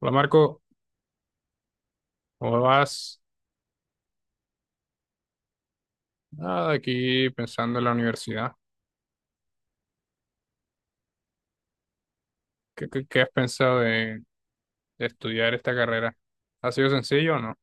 Hola, Marco, ¿cómo vas? Nada, aquí pensando en la universidad. ¿Qué has pensado de estudiar esta carrera? ¿Ha sido sencillo o no?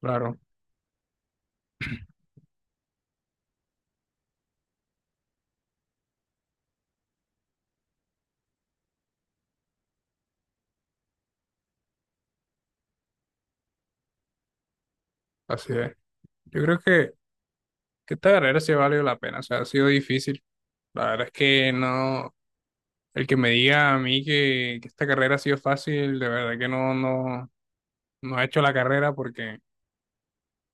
Claro, así es. Yo creo que esta carrera sí ha valido la pena, o sea, ha sido difícil. La verdad es que no, el que me diga a mí que esta carrera ha sido fácil, de verdad que no, no, no ha hecho la carrera porque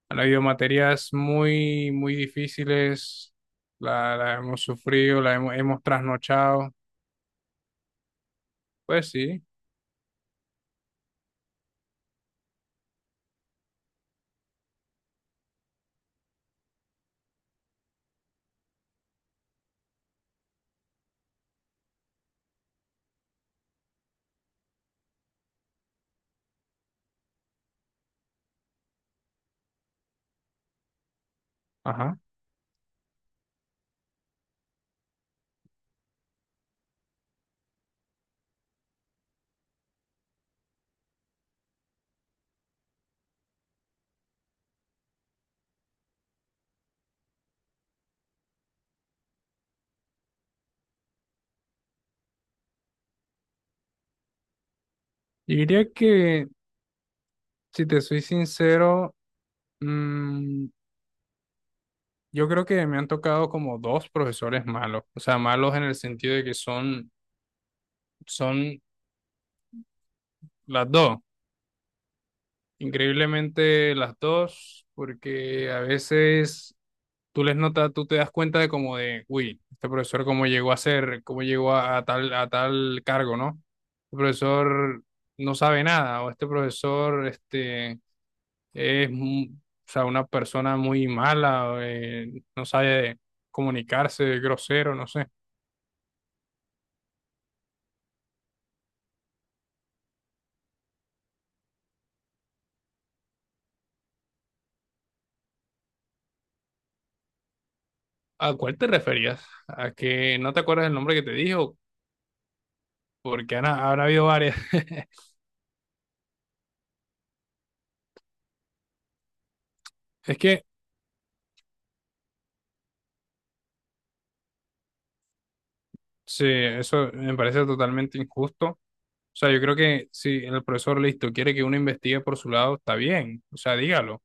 han- habido materias muy, muy difíciles, la hemos sufrido, la hemos trasnochado. Pues sí. Ajá. Yo diría que, si te soy sincero, mm, yo creo que me han tocado como dos profesores malos, o sea, malos en el sentido de que son, son las dos, increíblemente las dos, porque a veces tú les notas, tú te das cuenta de como de, uy, este profesor cómo llegó a ser, cómo llegó a tal cargo, ¿no? Este profesor no sabe nada, o este profesor, este es mu- o sea, una persona muy mala, no sabe comunicarse, es grosero, no sé. ¿A cuál te referías? ¿A que no te acuerdas el nombre que te dijo? Porque han- habrá habido varias. Es que sí, eso me parece totalmente injusto. O sea, yo creo que si el profesor listo quiere que uno investigue por su lado, está bien, o sea, dígalo,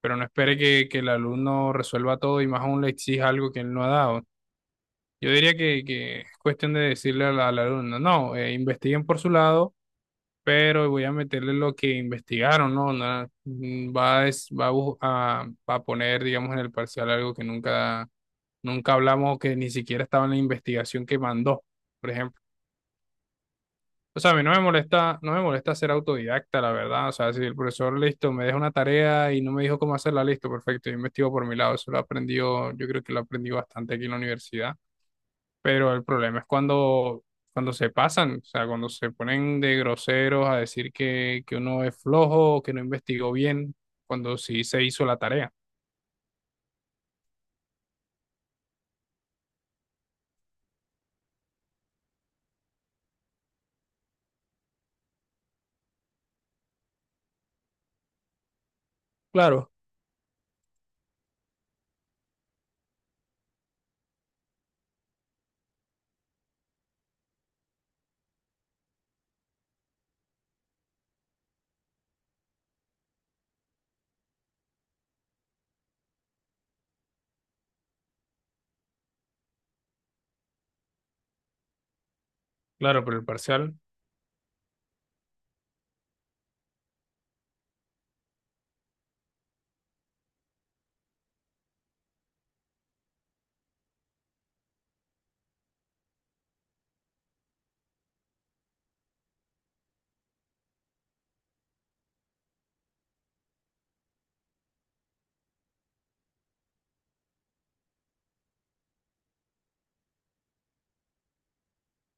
pero no espere que el alumno resuelva todo y más aún le exija algo que él no ha dado. Yo diría que es cuestión de decirle al alumno, no, investiguen por su lado, pero voy a meterle lo que investigaron, ¿no? Nada, mm, va, a, des- va a, bu- a- va a poner, digamos, en el parcial algo que nunca, nunca hablamos o que ni siquiera estaba en la investigación que mandó, por ejemplo. O sea, a mí no me molesta, no me molesta ser autodidacta, la verdad. O sea, si el profesor, listo, me deja una tarea y no me dijo cómo hacerla, listo, perfecto, yo investigo por mi lado. Eso lo aprendió, yo creo que lo aprendí bastante aquí en la universidad. Pero el problema es cuando, cuando se pasan, o sea, cuando se ponen de groseros a decir que uno es flojo, que no investigó bien, cuando sí se hizo la tarea. Claro. Claro, pero el parcial.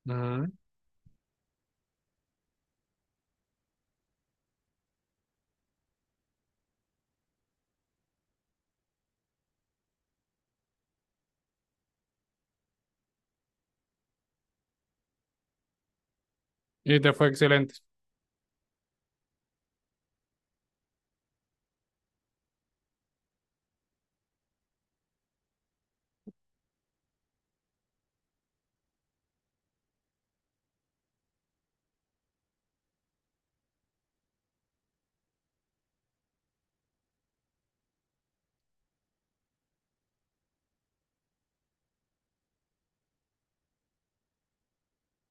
Ujú. Y te fue excelente.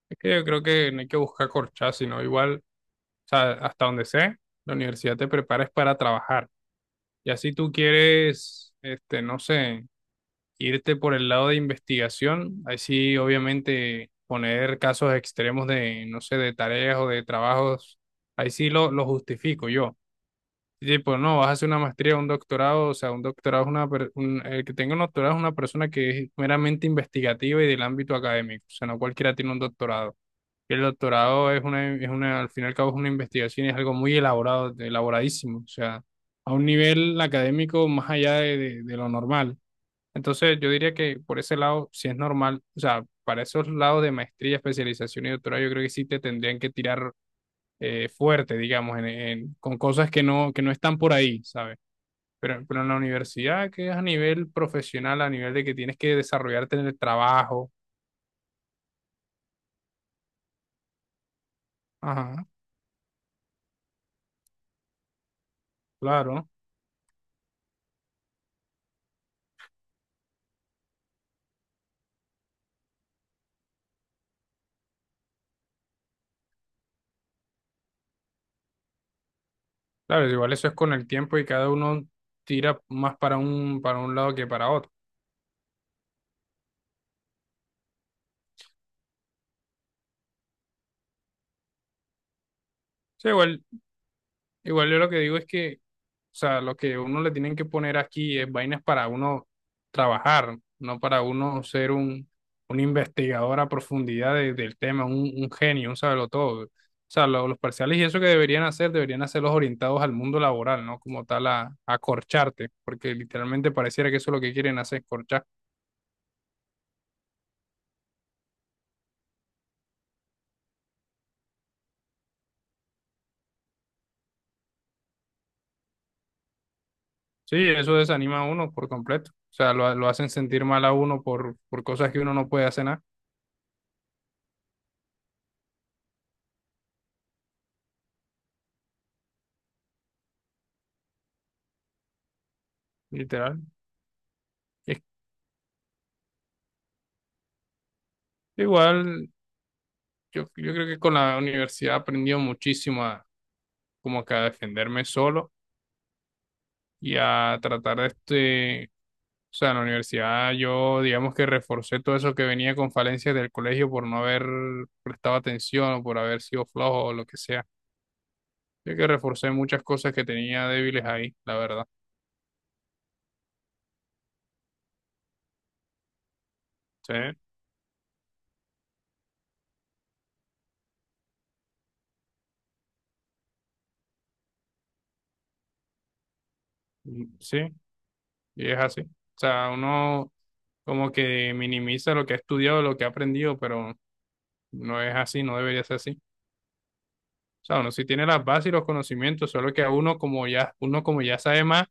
Es que yo creo que no hay que buscar corchazos, sino igual, o sea, hasta donde sé, la universidad te prepara es para trabajar. Y así tú quieres, este, no sé, irte por el lado de investigación, ahí sí, obviamente, poner casos extremos de, no sé, de tareas o de trabajos, ahí sí lo justifico yo. Tipo, no, vas a hacer una maestría, un doctorado, o sea, un doctorado es una, per- un- el que tenga un doctorado es una persona que es meramente investigativa y del ámbito académico, o sea, no cualquiera tiene un doctorado. El doctorado es una, al fin y al cabo es una investigación y es algo muy elaborado, elaboradísimo, o sea, a un nivel académico más allá de lo normal. Entonces, yo diría que por ese lado, si es normal, o sea, para esos lados de maestría, especialización y doctorado, yo creo que sí te tendrían que tirar fuerte, digamos, en- con cosas que no están por ahí, ¿sabes? Pero en la universidad, que es a nivel profesional, a nivel de que tienes que desarrollarte en el trabajo, ajá, claro, claro, igual eso es con el tiempo y cada uno tira más para un lado que para otro. Sí, igual, igual yo lo que digo es que, o sea, lo que uno le tienen que poner aquí es vainas para uno trabajar, no para uno ser un investigador a profundidad de- del tema, un genio, un todo. O sea, lo- los parciales y eso que deberían hacer, deberían hacerlos orientados al mundo laboral, ¿no? Como tal, a corcharte, porque literalmente pareciera que eso es lo que quieren hacer, corchar. Sí, eso desanima a uno por completo. O sea, lo hacen sentir mal a uno por cosas que uno no puede hacer nada, literal. Es- igual, yo creo que con la universidad he aprendido muchísimo a como que a defenderme solo y a tratar de este, o sea, en la universidad yo digamos que reforcé todo eso que venía con falencias del colegio por no haber prestado atención o por haber sido flojo o lo que sea. Yo que reforcé muchas cosas que tenía débiles ahí, la verdad. Sí, sí, y es así. O sea, uno como que minimiza lo que ha estudiado, lo que ha aprendido, pero no es así, no debería ser así. O sea, uno sí tiene las bases y los conocimientos, solo que a uno como ya sabe más,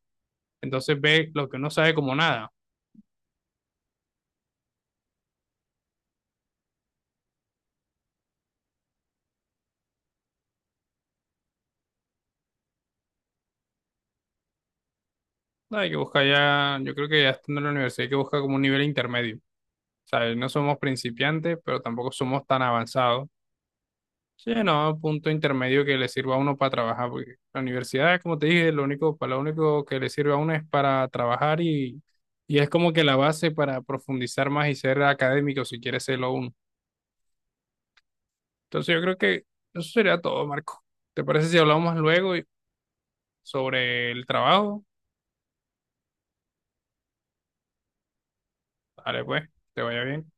entonces ve lo que uno sabe como nada. No hay que buscar ya, yo creo que ya estando en la universidad hay que buscar como un nivel intermedio. O sea, no somos principiantes, pero tampoco somos tan avanzados. Sí, no, un punto intermedio que le sirva a uno para trabajar, porque la universidad, como te dije, lo único, para lo único que le sirve a uno es para trabajar y es como que la base para profundizar más y ser académico si quiere serlo uno. Entonces yo creo que eso sería todo, Marco. ¿Te parece si hablamos más luego y- sobre el trabajo? Vale, pues, te vaya bien.